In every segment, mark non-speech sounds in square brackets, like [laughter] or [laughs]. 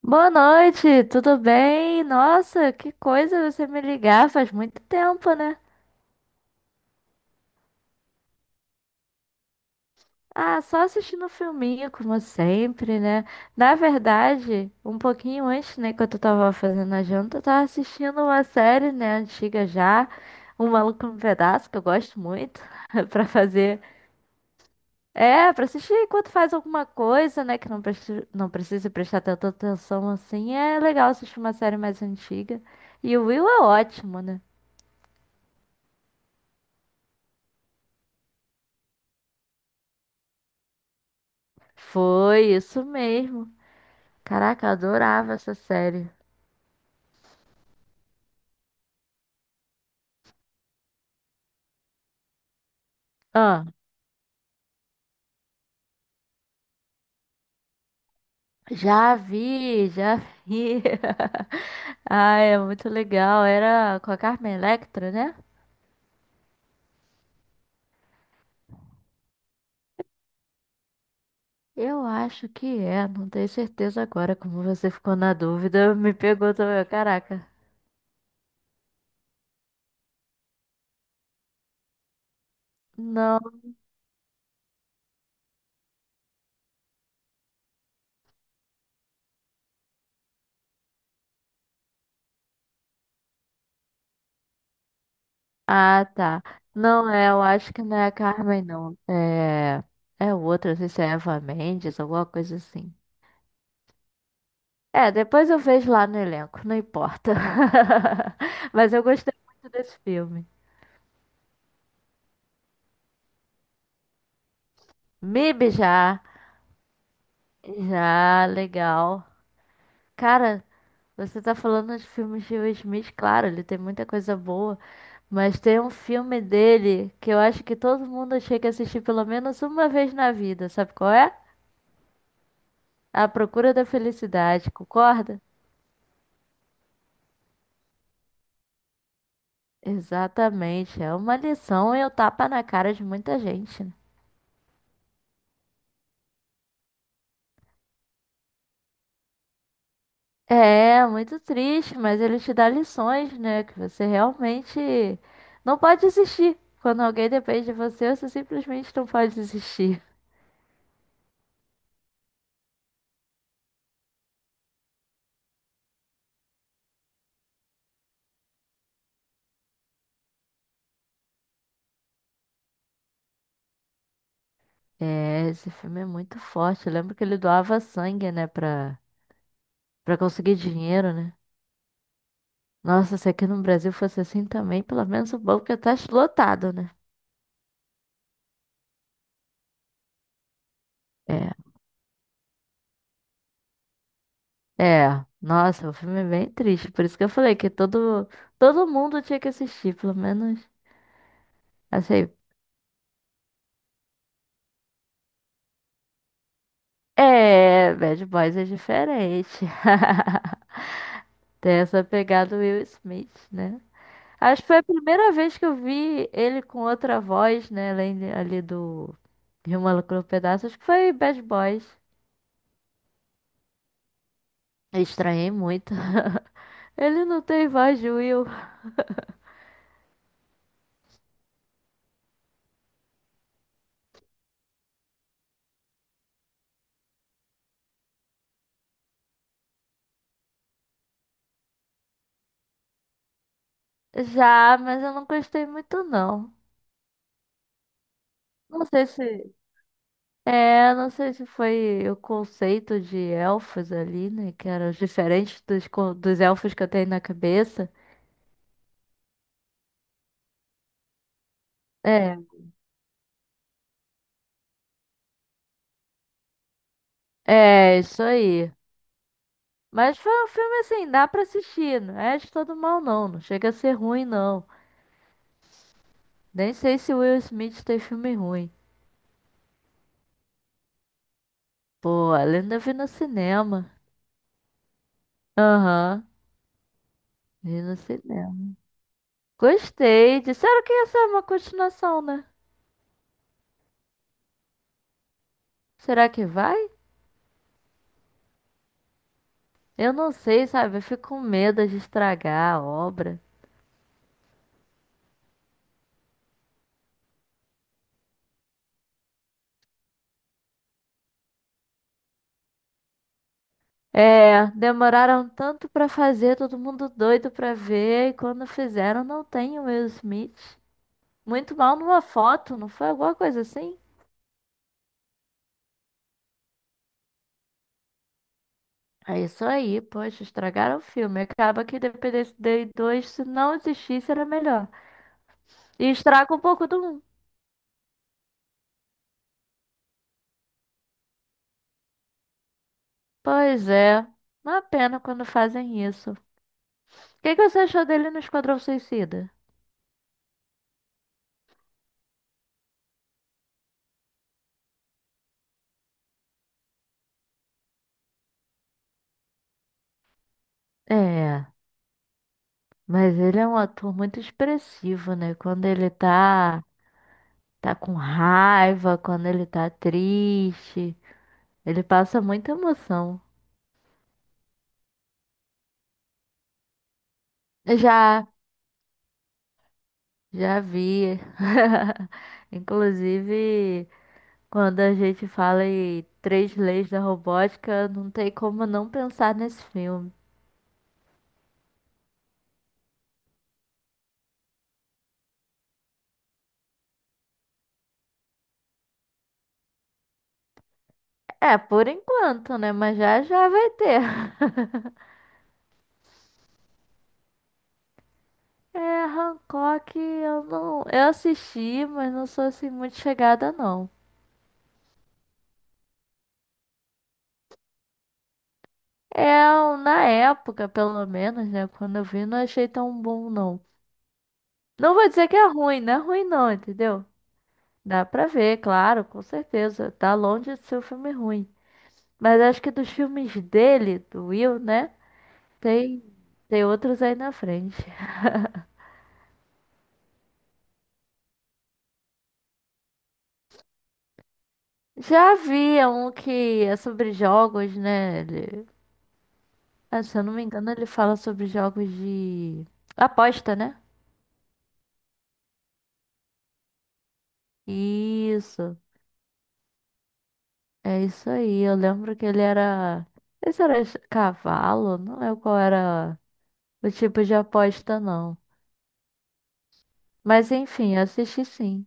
Boa noite, tudo bem? Nossa, que coisa você me ligar, faz muito tempo, né? Ah, só assistindo um filminho, como sempre, né? Na verdade, um pouquinho antes, né, quando eu tava fazendo a janta, eu tava assistindo uma série, né, antiga já, Um Maluco no Pedaço, que eu gosto muito, [laughs] pra fazer. É, pra assistir enquanto faz alguma coisa, né, que não precisa prestar tanta atenção assim, é legal assistir uma série mais antiga. E o Will é ótimo, né? Foi isso mesmo. Caraca, eu adorava essa série. Ah, já vi, já vi. [laughs] Ah, é muito legal. Era com a Carmen Electra, né? Eu acho que é, não tenho certeza agora. Como você ficou na dúvida, me pegou também. Caraca. Não. Ah, tá. Não é, eu acho que não é a Carmen, não. É. É outra, não sei se é Eva Mendes, alguma coisa assim. É, depois eu vejo lá no elenco, não importa. [laughs] Mas eu gostei muito desse filme. MIB já, já, legal. Cara, você tá falando de filmes de Will Smith, claro, ele tem muita coisa boa, mas tem um filme dele que eu acho que todo mundo chega a assistir pelo menos uma vez na vida, sabe qual é? A Procura da Felicidade, concorda? Exatamente, é uma lição e o tapa na cara de muita gente, né? É, muito triste, mas ele te dá lições, né? Que você realmente não pode desistir. Quando alguém depende de você, você simplesmente não pode desistir. É, esse filme é muito forte. Eu lembro que ele doava sangue, né, pra conseguir dinheiro, né? Nossa, se aqui no Brasil fosse assim também, pelo menos o banco ia estar lotado, né? É, é. Nossa, o filme é bem triste. Por isso que eu falei que todo mundo tinha que assistir, pelo menos. Assim, é, Bad Boys é diferente. [laughs] Tem essa pegada do Will Smith, né? Acho que foi a primeira vez que eu vi ele com outra voz, né? Ali do de uma Loucura um Pedaço. Acho que foi Bad Boys. Eu estranhei muito. [laughs] Ele não tem voz de Will. Já, mas eu não gostei muito, não. Não sei se. É, não sei se foi o conceito de elfos ali, né? Que eram diferentes dos elfos que eu tenho na cabeça. É. É, isso aí. Mas foi um filme assim, dá pra assistir. Não é de todo mal, não. Não chega a ser ruim, não. Nem sei se Will Smith tem filme ruim. Pô, eu ainda vi no cinema. Aham, vi no cinema. Gostei. Disseram que ia ser uma continuação, né? Será que vai? Eu não sei, sabe? Eu fico com medo de estragar a obra. É, demoraram tanto pra fazer, todo mundo doido pra ver, e quando fizeram não tem o Will Smith. Muito mal numa foto, não foi alguma coisa assim? É isso aí, poxa, estragaram o filme. Acaba que Independência Day 2 se não existisse, era melhor. E estraga um pouco do 1. Pois é, uma pena quando fazem isso. O que que você achou dele no Esquadrão Suicida? É, mas ele é um ator muito expressivo, né? Quando ele tá com raiva, quando ele tá triste, ele passa muita emoção. Já, já vi. [laughs] Inclusive, quando a gente fala em três leis da robótica, não tem como não pensar nesse filme. É, por enquanto, né? Mas já já vai ter. [laughs] É, Hancock, eu não, eu assisti, mas não sou assim muito chegada não. É, eu, na época, pelo menos, né, quando eu vi, não achei tão bom não. Não vou dizer que é ruim não, entendeu? Dá pra ver, claro, com certeza. Tá longe de ser um filme ruim. Mas acho que dos filmes dele, do Will, né? Tem, tem outros aí na frente. Já havia um que é sobre jogos, né? Ah, se eu não me engano, ele fala sobre jogos de aposta, né? Isso, é isso aí. Eu lembro que ele era. Esse era cavalo, não lembro qual era o tipo de aposta, não. Mas enfim, eu assisti sim.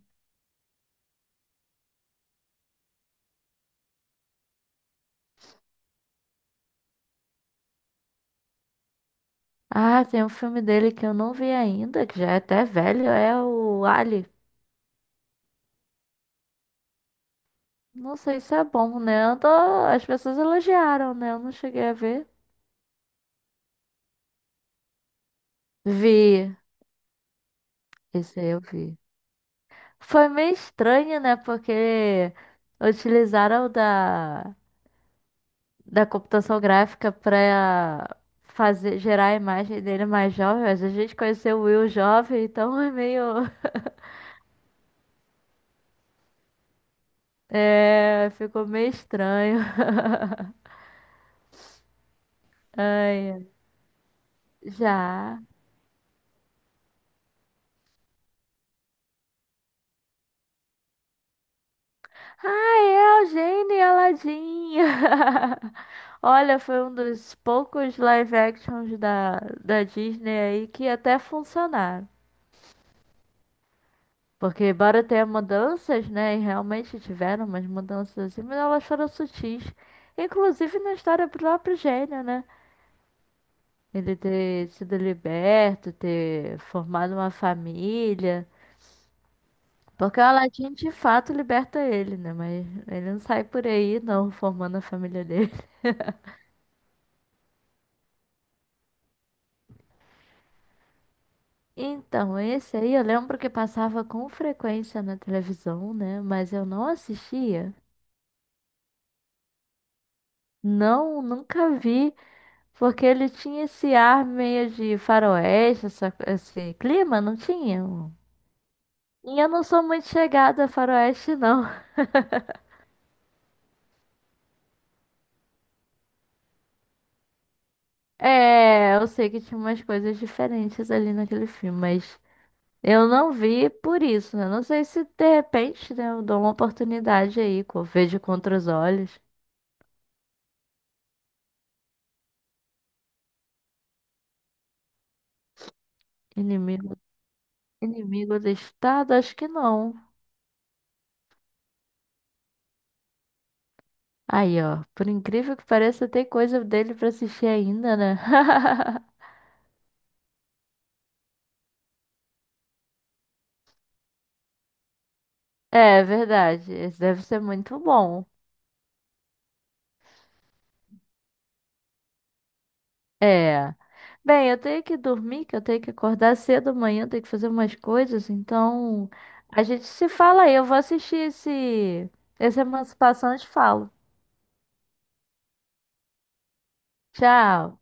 Ah, tem um filme dele que eu não vi ainda, que já é até velho, é o Ali. Não sei se é bom, né? As pessoas elogiaram, né? Eu não cheguei a ver. Vi. Esse aí eu vi. Foi meio estranho, né? Porque utilizaram da computação gráfica pra gerar a imagem dele mais jovem. Mas a gente conheceu o Will jovem, então é meio. [laughs] É, ficou meio estranho. Ai, já. Ah, é a Eugênia Ladinha. [laughs] Olha, foi um dos poucos live actions da Disney aí que até funcionaram. Porque embora tenha mudanças, né? E realmente tiveram umas mudanças assim, mas elas foram sutis. Inclusive na história do próprio Gênio, né? Ele ter sido liberto, ter formado uma família. Porque o Aladdin de fato liberta ele, né? Mas ele não sai por aí não formando a família dele. Então, esse aí eu lembro que passava com frequência na televisão, né? Mas eu não assistia. Não, nunca vi, porque ele tinha esse ar meio de faroeste, esse clima, não tinha? E eu não sou muito chegada a faroeste, não. [laughs] É, eu sei que tinha umas coisas diferentes ali naquele filme, mas eu não vi por isso, né? Não sei se de repente, né, eu dou uma oportunidade aí, vejo contra os olhos, inimigo. Inimigo listado? Acho que não. Aí, ó. Por incrível que pareça, tem coisa dele pra assistir ainda, né? [laughs] É verdade. Esse deve ser muito bom. É. Bem, eu tenho que dormir, que eu tenho que acordar cedo amanhã, eu tenho que fazer umas coisas. Então, a gente se fala aí. Eu vou assistir esse Emancipação e te falo. Tchau.